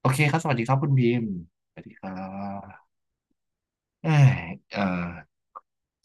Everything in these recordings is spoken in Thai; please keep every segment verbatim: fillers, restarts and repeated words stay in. โอเคครับสวัสดีครับคุณบีมสวัสดีครับเอ้ยเอ่อ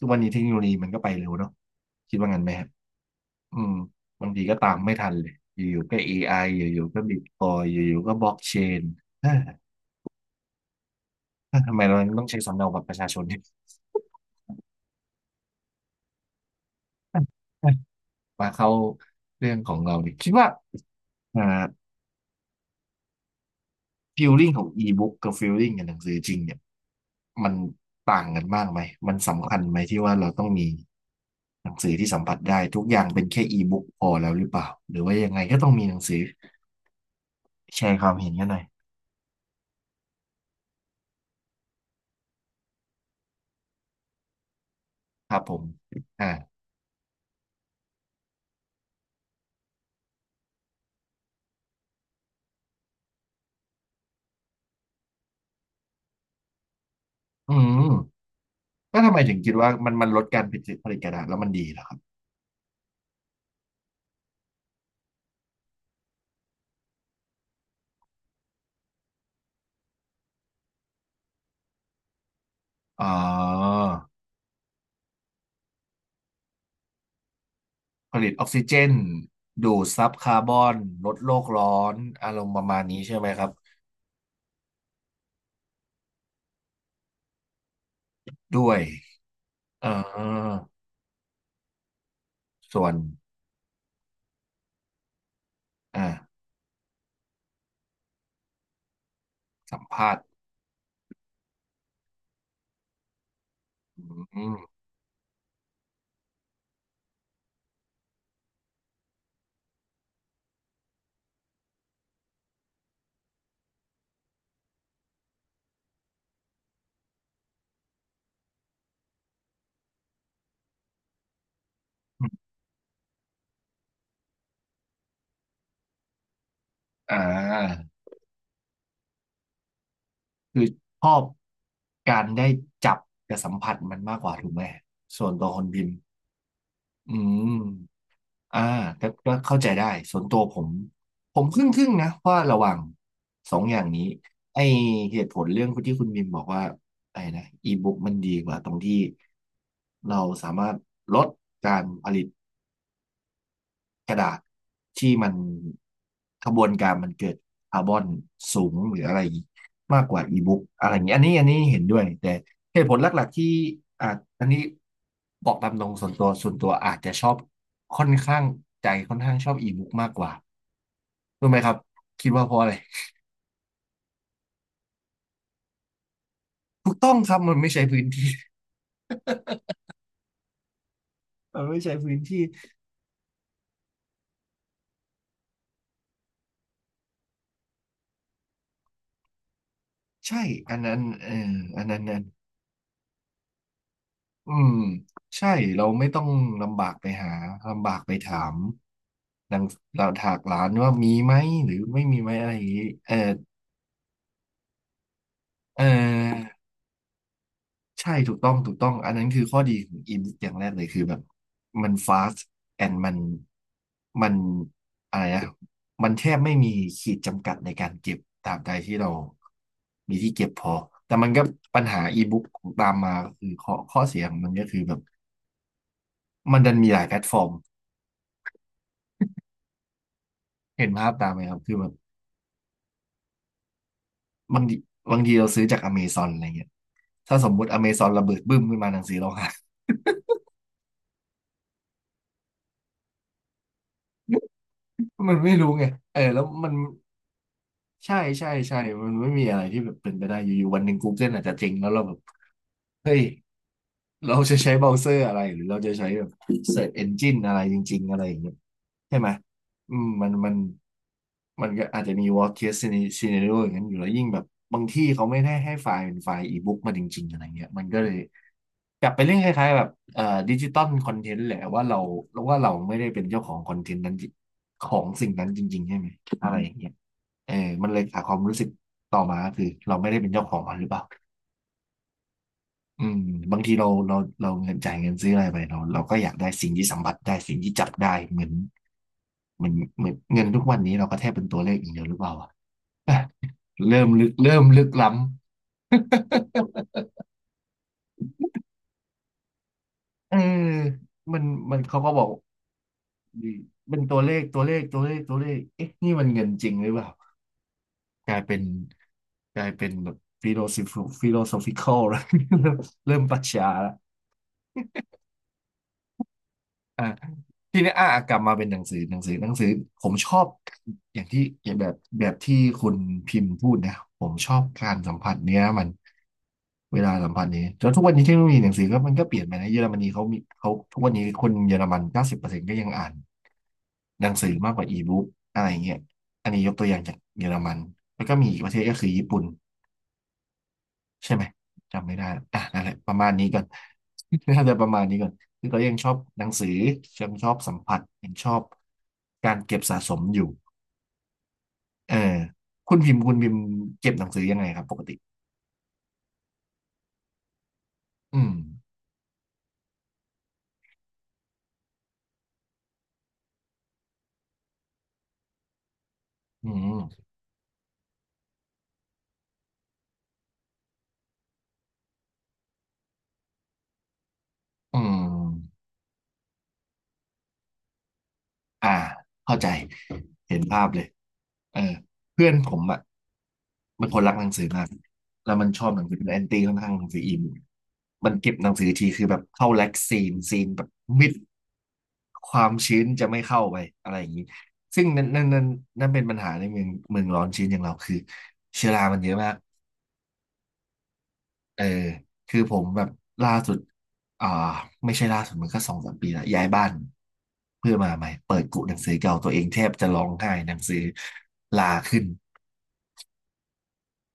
ทุกวันนี้เทคโนโลยีมันก็ไปเร็วเนาะคิดว่างั้นไหมครับ อืมบางทีก็ตามไม่ทันเลย อยู่ๆก็ เอ ไอ อไออยู่ๆก็บิตคอยอยู่ๆก็บล็อกเชนเอ้ยทำไมเราต้องใช้สำเนาบัตรประชาชนเนี่ย มาเข้าเรื่องของเราดิคิดว่าอ่า ฟีลลิ่งของอีบุ๊กกับฟีลลิ่งกับหนังสือจริงเนี่ยมันต่างกันมากไหมมันสำคัญไหมที่ว่าเราต้องมีหนังสือที่สัมผัสได้ทุกอย่างเป็นแค่อีบุ๊กพอแล้วหรือเปล่า หรือว่ายังไงก็ต้องมีหนังสือแชร์ความเห็นกันหน่อยครับผมอ่าอืมแล้วทำไมถึงคิดว่ามันมันลดการผลิตผลิตกระดาษแล้วมันดีเหรอครับอ๋อผลิตออกซิเจนดูดซับคาร์บอนลดโลกร้อนอารมณ์ประมาณนี้ใช่ไหมครับด้วยเออส่วนอ่า สัมภาษณ์อืมอ่าคือชอบการได้จับกับสัมผัสมันมากกว่าถูกไหม ส่วนตัวคนพิมพ์อืมอ่าก็ก็เข้าใจได้ ส่วนตัวผม ผมครึ่งครึ่งนะว่าระหว่างสองอย่างนี้ไอเหตุผลเรื่องที่คุณมิมบอกว่าไอ้นะอีบุ๊กมันดีกว่าตรงที่เราสามารถลดการผลิต กระดาษที่มันกระบวนการมันเกิดคาร์บอนสูงหรืออะไรมากกว่าอีบุ๊กอะไรอย่างนี้อันนี้อันนี้เห็นด้วยแต่เหตุผลหลักๆที่อาจอันนี้บอกตามตรงส่วนตัวส่วนตัวอาจจะชอบค่อนข้างใจค่อนข้างชอบอีบุ๊กมากกว่ารู้ไหมครับคิดว่าเพราะอะไรถูกต้องครับมันไม่ใช้พื้นที่ มันไม่ใช้พื้นที่ใช่อันนั้นเอออันนั้นอัน อืมใช่เราไม่ต้องลำบากไปหาลำบากไปถามดังเราถากร้านว่ามีไหมหรือไม่มีไหมอะไรอย่างนี้เออเออใช่ถูกต้องถูกต้องอันนั้นคือข้อดีของอินอย่างแรกเลยคือแบบมัน fast and มันมันอะไรนะมันแทบไม่มีขีดจำกัดในการเก็บตามใดที่เรามีที่เก็บพอแต่มันก็ปัญหาอีบุ๊กตามมาก็คือข้อข้อเสียของมันก็คือแบบมันดันมีหลายแพลตฟอร์ม เห็นภาพตามไหมครับ คือแบบบางทีบางทีเราซื้อจากอเมซอนอะไรเงี้ยถ้าสมมุติอเมซอนระเบิดบึ้มขึ้นมาหนังสือเราหาย มันไม่รู้ไงเออแล้วมันใช่ใช่ใช่มันไม่มีอะไรที่แบบเป็นไปได้ อยู่ๆวันหนึ่ง Google อาจจะเจริงแล้วเราแบบเฮ้ย เราจะใช้เบราว์เซอร์อะไรหรือเราจะใช้แบบ Search Engine อะไรจริงๆอะไรอย่างเงี้ยใช่ไหมอืมมันมันมันก็อาจจะมี worst case scenario อย่างนั้นอยู่แล้วยิ่งแบบบางที่เขาไม่ได้ให้ไฟล์เป็นไฟล์อีบุ๊กมาจริงๆอะไรเงี้ยมันก็เลย กลับไปเรื่องคล้ายๆแบบเอ่อดิจิตอลคอนเทนต์แหละว่าเราว่าเราไม่ได้เป็นเจ้าของคอนเทนต์นั้นจริของสิ่งนั้นจริงๆใช่ไหมอะไรอย่างเงี้ยเออมันเลยขาดความรู้สึกต่อมาคือเราไม่ได้เป็นเจ้าของมันหรือเปล่าอืมบางทีเราเราเราเงินจ่ายเงินซื้ออะไรไปเราเราก็อยากได้สิ่งที่สัมผัสได้สิ่งที่จับได้เหมือนเหมือนเหมือนเงินทุกวันนี้เราก็แทบเป็นตัวเลขอย่างเดียวหรือเปล่าอ่ะ เริ่มลึกเริ่มลึกล้ำ เออมันมันเขาก็บอก นี่เป็นตัวเลขตัวเลขตัวเลขตัวเลขเอ๊ะนี่มันเงินจริงหรือเปล่ากลายเป็นกลายเป็นแบบฟิโล o ิฟิโลโซฟิคอลแล้ว เริ่มปรัชญาละ อ่าทีนี้อ่ากลับมาเป็นหนังสือหนังสือหนังสือผมชอบอย่างที่อย่างแบบแบบที่คุณพิมพ์พูดนะผมชอบการสัมผัสเนี้ยมันเวลาสัมผัสนี้แล้วทุกวันนี้เทคโนโลยีหนังสือก็มันก็เปลี่ยนไปนะเยอรมนีเขามีเขาทุกวันนี้คนเยอรมันเก้าสิบเปอร์เซ็นต์ก็ยังอ่านหนังสือมากกว่าอีบุ๊กอะไรเงี้ยอันนี้ยกตัวอย่างจากเยอรมันแล้วก็มีอีกประเทศก็คือญี่ปุ่น ใช่ไหมจำไม่ได้ละอ่ะนั่นแหละประมาณนี้ก่อน น่าจะประมาณนี้ก่อนคือเรายังชอบหนังสือยังชอบสัมผัสยังชอบการเก็บสะสมอยู่เออคุณพิมพ์คุณพิมพ์เก็บหนังสือยังไงครับปกติอืมอืมอืม อ่าเข้าใจเห็นภาพเลยเออเพื่อนผมอ่ะเป็นคนรักหนังสือมากแล้วมันชอบหนังสือเป็นแอนตี้ค่อนข้างหนังสืออินมันเก็บหนังสือทีคือแบบเข้าแล็กซีนซีนแบบมิดความชื้นจะไม่เข้าไปอะไรอย่างนี้ซึ่งนั่นนั่นนั่นนั่นเป็นปัญหาในเมืองเมืองร้อนชื้นอย่างเราคือเชื้อรามันเยอะมาก เออคือผมแบบล่าสุดอ่าไม่ใช่ล่าสุดมันก็สองสามปีละย้ายบ้านเพื่อมาใหม่เปิดกุหนังสือเก่าตัวเองแทบจะร้องไห้หนังสือลาขึ้น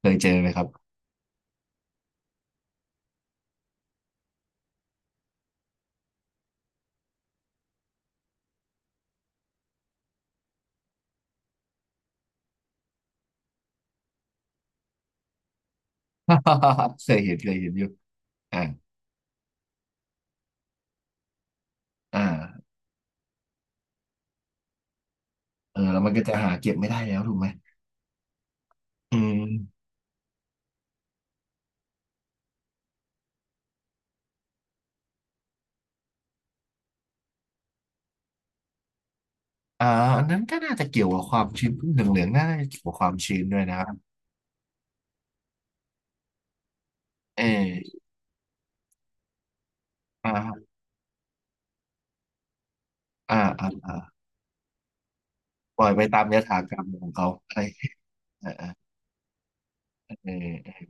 เคยเจอไหมครับ เคยเห็นเคยเห็นอยู่อ่าอ่าเออแล้วมันก็จะหาเก็บไม่ได้แล้วถูกไหมอืมอ่าอันนั้นก็น่าจะเกี่ยวกับความชื้นเหลืองเหลืองน่าจะเกี่ยวกับความชื้นด้วยนะครับเอออ่าอ่าอ่าอ่าปล่อยไปตามยถากรรมของเขาอะไรเออเออ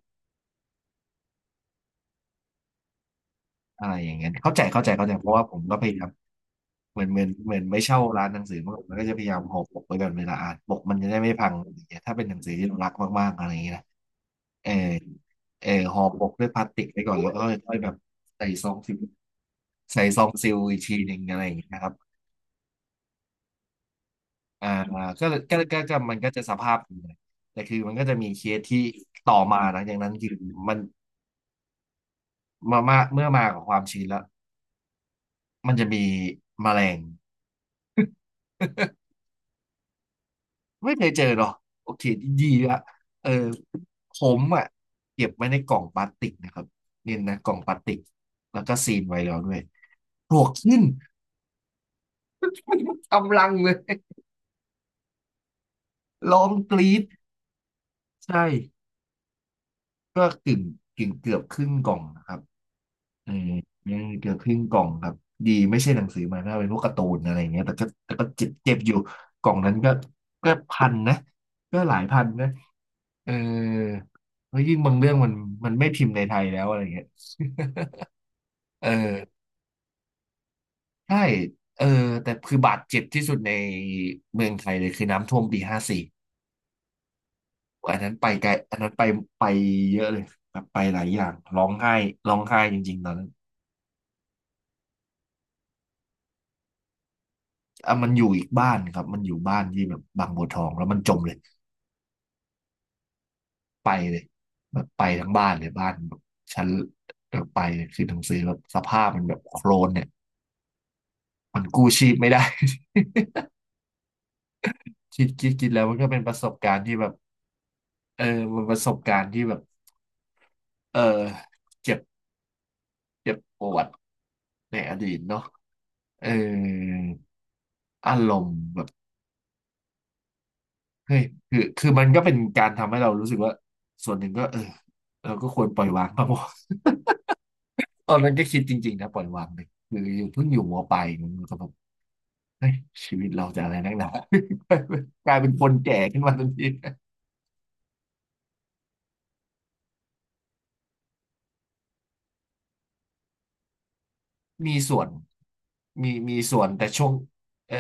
อะไรอย่างเงี้ยเข้าใจเข้าใจเข้าใจเพราะว่าผมก็พยายามเหมือนเหมือนเหมือนไม่เช่าร้านหนังสือมันมันก็จะพยายามห่อปกไว้ก่อนเวลาอ่านปกมันจะได้ไม่พังอะไรอย่างเงี้ยถ้าเป็นหนังสือที่เรารักมากๆอะไรอย่างเงี้ยนะเออเออห่อปกด้วยพลาสติกไว้ก่อนแล้วก็ค่อยๆแบบใส่ซองซิลใส่ซองซิลอีกทีหนึ่งอะไรอย่างเงี้ยนะครับอ่าก็เลยก็ก็ก็มันก็จะสภาพนี้นแต่คือมันก็จะมีเคสที่ต่อมาหลังจากนั้นคือมันมามาเมื่อมากับความชื้นแล้วมันจะมีแมลง ไม่เคยเจอหรอโอเคดีละเออผมอ่ะเก็บไว้ในกล่องพลาสติกนะครับเนี่ยนะกล่องพลาสติกแล้วก็ซีลไว้แล้วด้วยปลวกขึ้น กำลังเลยร้องกรี๊ดใช่ก็กึ่งกึ่งเกือบครึ่งกล่องนะครับเออเกือบครึ่งกล่องครับดีไม่ใช่หนังสือมาถ้าเป็นพวกการ์ตูนอะไรเงี้ยแต่ก็แต่ก็เจ็บเจ็บอยู่กล่องนั้นก็ก็พันนะก็หลายพันนะเออแล้วยิ่งบางเรื่องมันมันไม่พิมพ์ในไทยแล้วอะไรเงี้ย เออใช่เออแต่คือบาดเจ็บที่สุดในเมืองไทยเลยคือน้ำท่วมปีห้าสี่อันนั้นไปไกลอันนั้นไปไปเยอะเลยแบบไปหลายอย่างร้องไห้ร้องไห้จริงๆตอนนั้นอ่ะมันอยู่อีกบ้านครับมันอยู่บ้านที่แบบบางบัวทองแล้วมันจมเลยไปเลยแบบไปทั้งบ้านเลยบ้านแบบชั้นแบบไปเลยคือหนังสือแบบสภาพมันแบบโคลนเนี่ยมันกู้ชีพไม่ได้ คิดคิดคิดแล้วมันก็เป็นประสบการณ์ที่แบบเออมันประสบการณ์ที่แบบเออเจ็บเจ็บปวด ในอดีตเนาะเอออารมณ์แบบเฮ้ยคือคือมันก็เป็นการทำให้เรารู้สึกว่าส่วนหนึ่งก็เออเราก็ควรปล่อยวางบ้างวะ ตอนนั้นก็คิดจริงๆนะปล่อยวางเลยคืออยู่เพิ่งอยู่มปลายมันก็แบบเฮ้ยชีวิตเราจะอะไรนักหนา กลายเป็นคนแก่ขึ้นมาทันทีมีส่วน มีมีส่วนแต่ช่วงเออ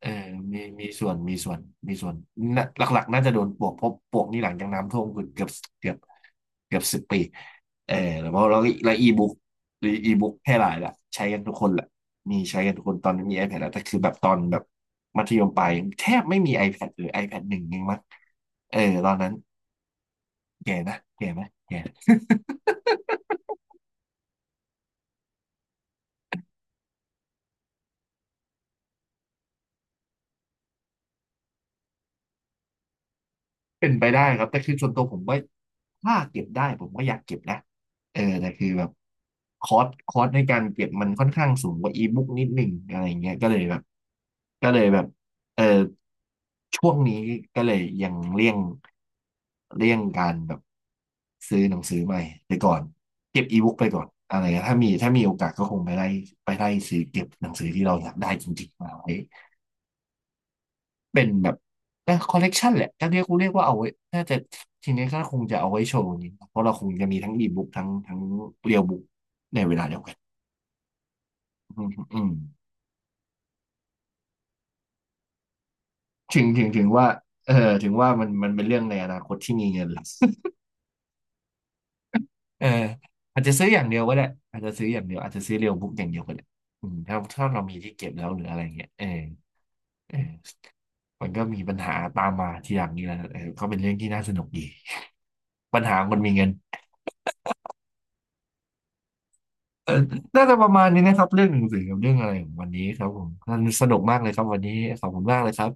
เออมีมีส่วนมีส่วนมีส่วนน่ะหลักๆน่าจะโดนปลวกเพราะปลวกนี่หลังจากน้ำท่วมคือเกือบเกือบเกือบสิบปีเออแล้วแล้วแล้วอีบุ๊กหรืออีบุ๊กแพร่หลายละใช้กันทุกคนแหละมีใช้กันทุกคนตอนนี้มี iPad แล้วแต่คือแบบตอนแบบมัธยมปลายแทบไม่มี iPad หรือ ไอแพดหนึ่งยังมั้งเออตอนนั้นแก่นะแก่ไหมแก่ เป็นไปได้ครับแต่คือส่วนตัวผมว่าถ้าเก็บได้ผมก็อยากเก็บนะเออแต่คือแบบคอสคอสในการเก็บมันค่อนข้างสูงกว่าอีบุ๊กนิดหนึ่งอะไรเงี้ยก็เลยแบบก็เลยแบบเออช่วงนี้ก็เลยยังเลี่ยงเลี่ยงการแบบซื้อหนังสือใหม่ไปก่อนเก็บอีบุ๊กไปก่อนอะไรเงี้ยถ้ามีถ้ามีโอกาสก็คงไปไล่ไปไล่ซื้อเก็บหนังสือที่เราอยากได้จริงๆมาไว้ เป็นแบบคอลเลกชันแหละถ้าเรียกเรียกว่าเอาไว้น่าจะทีนี้ก็คงจะเอาไว้โชว์อย่างนี้เพราะเราคงจะมีทั้งอีบุ๊กทั้งทั้งเรียลบุ๊กในเวลาเดียวกันอืมอืมถึงถึงถึงว่าเออถึงว่ามันมันเป็นเรื่องในอนาคตที่มีเงินหลักเอออาจจะซื้ออย่างเดียวก็ได้อาจจะซื้ออย่างเดียวอาจจะซื้อเรียลบุ๊กอย่างเดียวก็ได้อืมถ้าถ้าเรามีที่เก็บแล้วหรืออะไรเงี้ยเออเออมันก็มีปัญหาตามมาทีหลังนี่แหละเออก็เป็นเรื่องที่น่าสนุกดีปัญหาคนมีเงิน เออน่าจะประมาณนี้นะครับเรื่องหนังสือกับเรื่องอะไรของวันนี้ครับผมน่าสนุกมากเลยครับวันนี้ขอบคุณมากเลยครับ